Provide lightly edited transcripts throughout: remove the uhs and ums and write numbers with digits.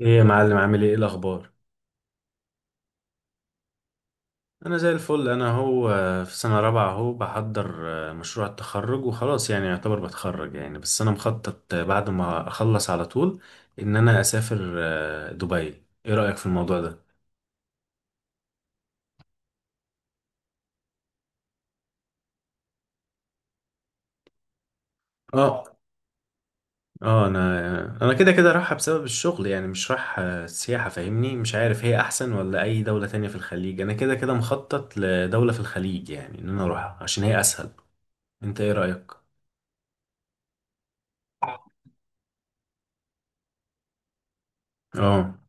ايه يا معلم، عامل ايه، إيه الاخبار؟ انا زي الفل. انا هو في سنه رابعه اهو، بحضر مشروع التخرج وخلاص، يعني يعتبر بتخرج يعني. بس انا مخطط بعد ما اخلص على طول ان انا اسافر دبي. ايه رايك في الموضوع ده؟ اه اه. انا كده كده رايحه بسبب الشغل، يعني مش رايح سياحه. فاهمني؟ مش عارف هي احسن ولا اي دوله تانية في الخليج. انا كده كده مخطط لدوله في الخليج، يعني ان انا اروحها عشان هي اسهل. انت ايه رايك؟ اه.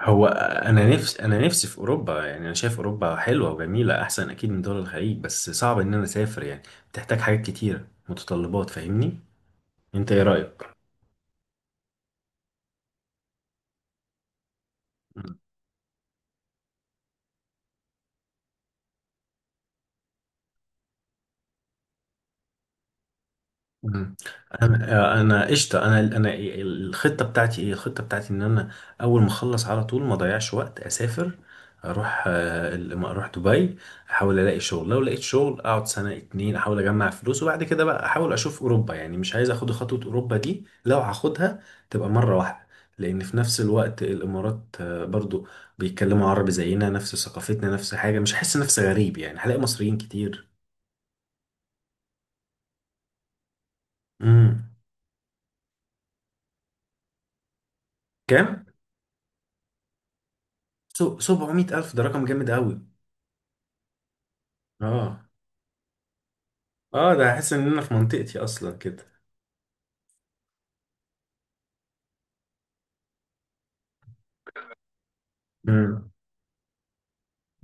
هو انا نفسي في اوروبا، يعني انا شايف اوروبا حلوه وجميله احسن اكيد من دول الخليج، بس صعب ان انا اسافر يعني. بتحتاج حاجات كتيره، متطلبات. فاهمني؟ انت ايه رايك؟ مم. انا قشطه. انا الخطه بتاعتي ايه؟ الخطه بتاعتي ان انا اول ما اخلص على طول ما اضيعش وقت، اسافر. اروح اروح دبي. احاول الاقي شغل. لو لقيت شغل اقعد سنه اتنين، احاول اجمع فلوس، وبعد كده بقى احاول اشوف اوروبا، يعني مش عايز اخد خطوه اوروبا دي. لو هاخدها تبقى مره واحده. لان في نفس الوقت الامارات برضو بيتكلموا عربي زينا، نفس ثقافتنا، نفس حاجه، مش هحس نفسي غريب يعني. هلاقي مصريين كتير. امم. كام؟ 700 ألف ده رقم جامد أوي. اه اه، ده هحس إن أنا في منطقتي أصلا كده. امم.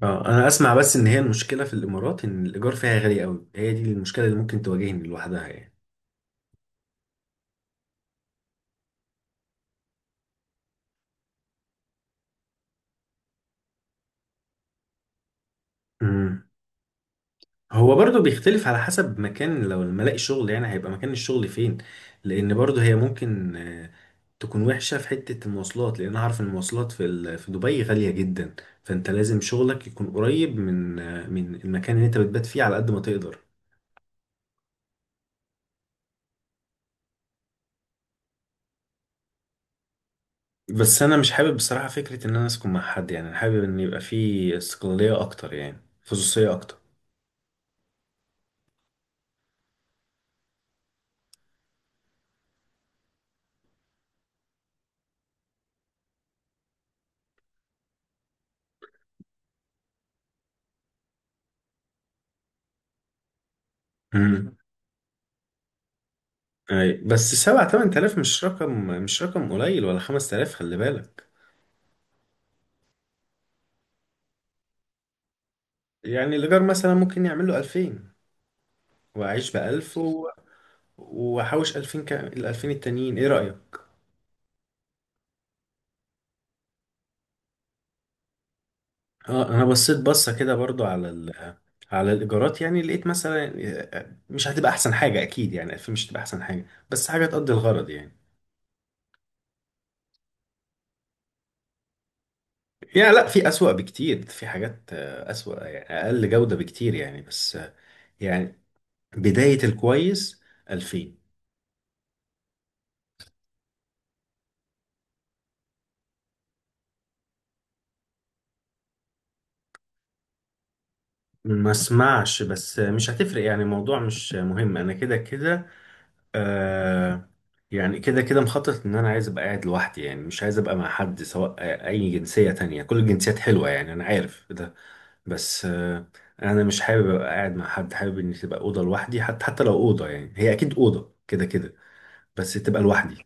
اه، أنا أسمع بس إن هي المشكلة في الإمارات إن الإيجار فيها غالي أوي. هي دي المشكلة اللي ممكن تواجهني لوحدها يعني. امم. هو برضو بيختلف على حسب مكان. لو لما الاقي شغل، يعني هيبقى مكان الشغل فين، لأن برضو هي ممكن تكون وحشة في حتة المواصلات، لأن أنا عارف إن المواصلات في في دبي غالية جدا. فأنت لازم شغلك يكون قريب من من المكان اللي أنت بتبات فيه، على قد ما تقدر. بس انا مش حابب بصراحة فكرة ان انا اسكن مع حد، يعني انا حابب ان يبقى في استقلالية اكتر، يعني خصوصية اكتر. امم. اي، بس 7 8000 مش رقم قليل، ولا 5000 خلي بالك. يعني الايجار مثلا ممكن يعمل له 2000، واعيش بـ1000 و... واحوش 2000 ك... ال2000 التانيين ايه رأيك؟ اه، انا بصيت بصة كده برضو على ال... على الايجارات، يعني لقيت مثلا مش هتبقى احسن حاجة اكيد، يعني 2000 مش هتبقى احسن حاجة، بس حاجة تقضي الغرض يعني. يعني لا، في أسوأ بكتير، في حاجات أسوأ، يعني أقل جودة بكتير يعني. بس يعني بداية الكويس 2000. ما اسمعش. بس مش هتفرق يعني. الموضوع مش مهم. أنا كده كده آه، يعني كده كده مخطط إن أنا عايز أبقى قاعد لوحدي، يعني مش عايز أبقى مع حد، سواء أي جنسية تانية. كل الجنسيات حلوة يعني، أنا عارف ده. بس آه، أنا مش حابب أبقى قاعد مع حد. حابب إن تبقى أوضة لوحدي، حتى حتى لو أوضة، يعني هي أكيد أوضة كده كده، بس تبقى لوحدي.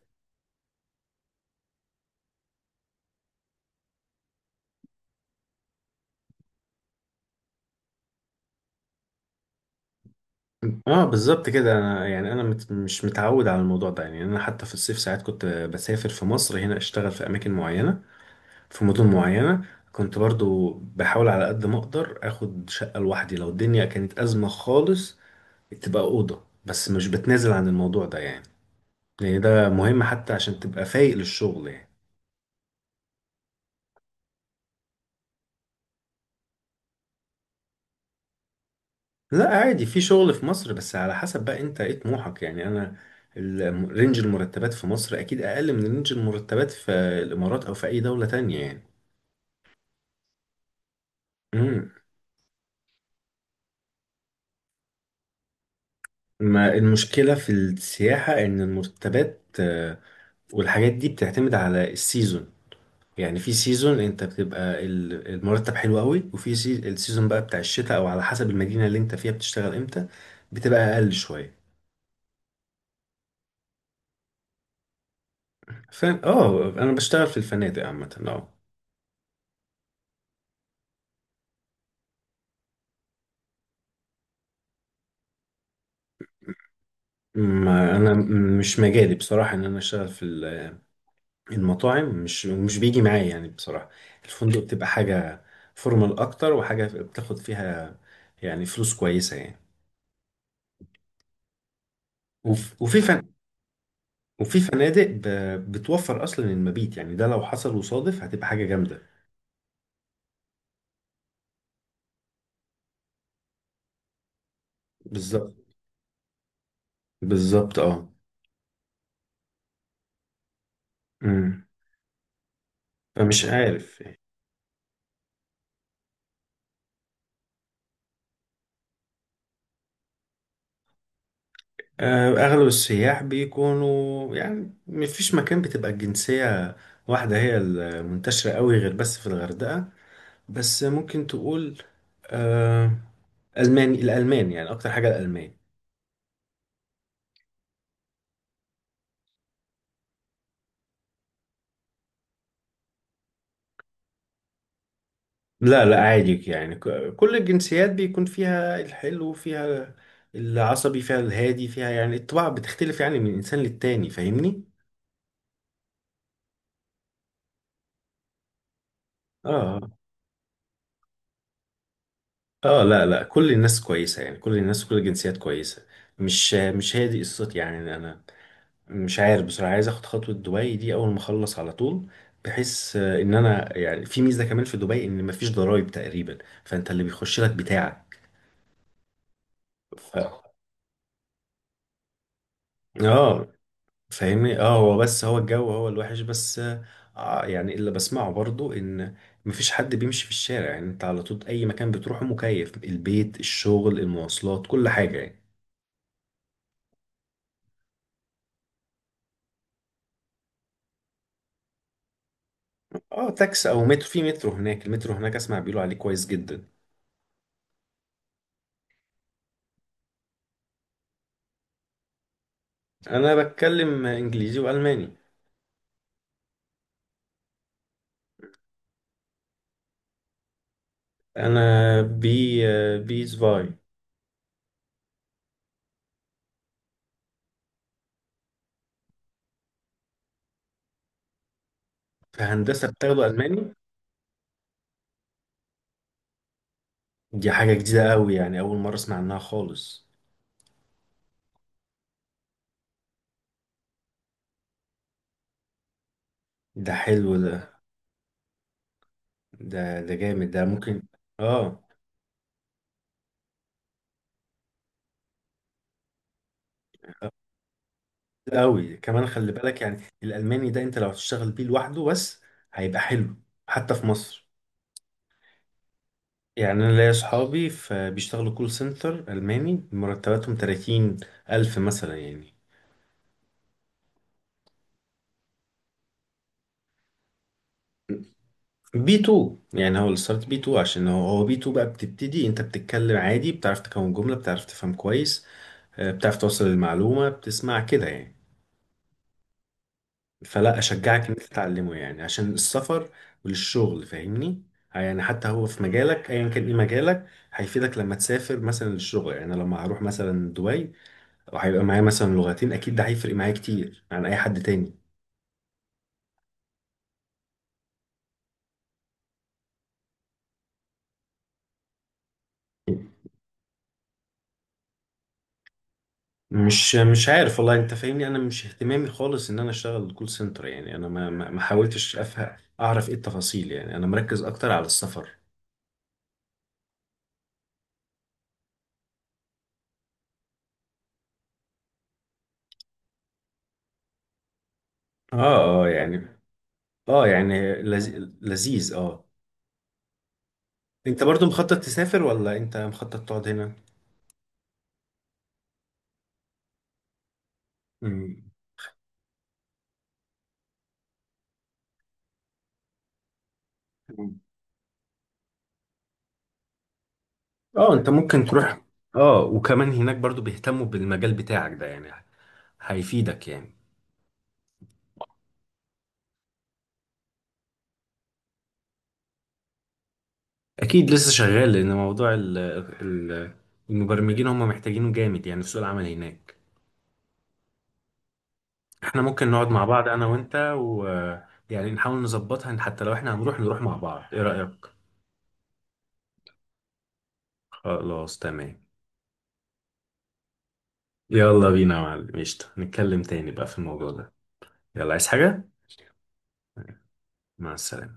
اه بالظبط كده. انا يعني انا مش متعود على الموضوع ده يعني. انا حتى في الصيف ساعات كنت بسافر في مصر هنا، اشتغل في اماكن معينه، في مدن معينه، كنت برضو بحاول على قد ما اقدر اخد شقه لوحدي. لو الدنيا كانت ازمه خالص تبقى اوضه، بس مش بتنازل عن الموضوع ده يعني، لان ده مهم حتى عشان تبقى فايق للشغل يعني. لا عادي، في شغل في مصر، بس على حسب بقى انت ايه طموحك يعني. انا رينج المرتبات في مصر اكيد اقل من رينج المرتبات في الامارات او في اي دوله تانية يعني. مم. ما المشكلة في السياحة إن المرتبات والحاجات دي بتعتمد على السيزون. يعني في سيزون أنت بتبقى المرتب حلو قوي، وفي السيزون بقى بتاع الشتاء، أو على حسب المدينة اللي أنت فيها بتشتغل إمتى، بتبقى أقل شوية. فاهم اه. أنا بشتغل في الفنادق عامة اه. ما أنا مش مجالي بصراحة إن أنا أشتغل في المطاعم. مش بيجي معايا يعني بصراحة. الفندق بتبقى حاجة فورمال أكتر، وحاجة بتاخد فيها يعني فلوس كويسة يعني. وفي فن، وفي فنادق بتوفر أصلا المبيت، يعني ده لو حصل وصادف هتبقى حاجة جامدة. بالظبط، بالظبط اه. امم. فمش عارف يعني. آه، أغلب السياح بيكونوا يعني، مفيش مكان بتبقى الجنسية واحدة هي المنتشرة قوي غير بس في الغردقة. بس ممكن تقول آه، ألماني. الألمان يعني أكتر حاجة، الألمان. لا لا عادي، يعني كل الجنسيات بيكون فيها الحلو، فيها العصبي، فيها الهادي، فيها يعني الطباع بتختلف يعني من إنسان للتاني. فاهمني؟ آه آه. لا لا، كل الناس كويسة يعني، كل الناس كل الجنسيات كويسة. مش هي دي قصتي يعني أنا. مش عارف بصراحة، عايز آخد خطوة دبي دي أول ما أخلص على طول، بحيث إن أنا يعني في ميزة كمان في دبي إن مفيش ضرايب تقريبا، فأنت اللي بيخش لك بتاعك. ف... اه فاهمني اه. هو بس هو الجو هو الوحش بس. آه يعني اللي بسمعه برضو ان مفيش حد بيمشي في الشارع، يعني انت على طول اي مكان بتروحه مكيف، البيت الشغل المواصلات كل حاجة يعني. اه، تاكس او مترو. في مترو هناك. المترو هناك اسمع بيقولوا عليه كويس جدا. انا بتكلم انجليزي والماني. انا بي بي سفاي. في هندسة بتاخده الماني؟ دي حاجة جديدة قوي يعني، اول مرة اسمع عنها خالص. ده حلو ده. ده ده جامد ده، ممكن اه. قوي كمان خلي بالك، يعني الالماني ده انت لو هتشتغل بيه لوحده بس هيبقى حلو، حتى في مصر يعني. انا ليا اصحابي بيشتغلوا كول سنتر الماني، مرتباتهم 30 000 مثلا يعني. بي 2 يعني، هو الستارت بي 2، عشان هو بي 2 بقى بتبتدي انت بتتكلم عادي، بتعرف تكون جملة، بتعرف تفهم كويس، بتعرف توصل المعلومة، بتسمع كده يعني. فلا اشجعك ان انت تتعلمه، يعني عشان السفر وللشغل، فاهمني؟ يعني حتى هو في مجالك ايا كان، ايه مجالك؟ هيفيدك لما تسافر مثلا للشغل. يعني أنا لما هروح مثلا دبي وهيبقى معايا مثلا لغتين، اكيد ده هيفرق معايا كتير عن اي حد تاني. مش عارف والله. انت فاهمني؟ انا مش اهتمامي خالص ان انا اشتغل كول سنتر يعني. انا ما حاولتش افهم اعرف ايه التفاصيل يعني. انا مركز اكتر على السفر. اه اه يعني اه. يعني لذيذ اه. انت برضو مخطط تسافر ولا انت مخطط تقعد هنا؟ مم. اه، انت ممكن تروح. اه، وكمان هناك برضو بيهتموا بالمجال بتاعك ده يعني، هيفيدك يعني. اكيد لسه شغال، لان موضوع ال ال المبرمجين هم محتاجينه جامد يعني في سوق العمل هناك. احنا ممكن نقعد مع بعض انا وانت و... يعني نحاول نظبطها إن حتى لو احنا هنروح نروح مع بعض. ايه رأيك؟ خلاص تمام. يلا بينا يا معلم، قشطة، نتكلم تاني بقى في الموضوع ده. يلا عايز حاجة. مع السلامة.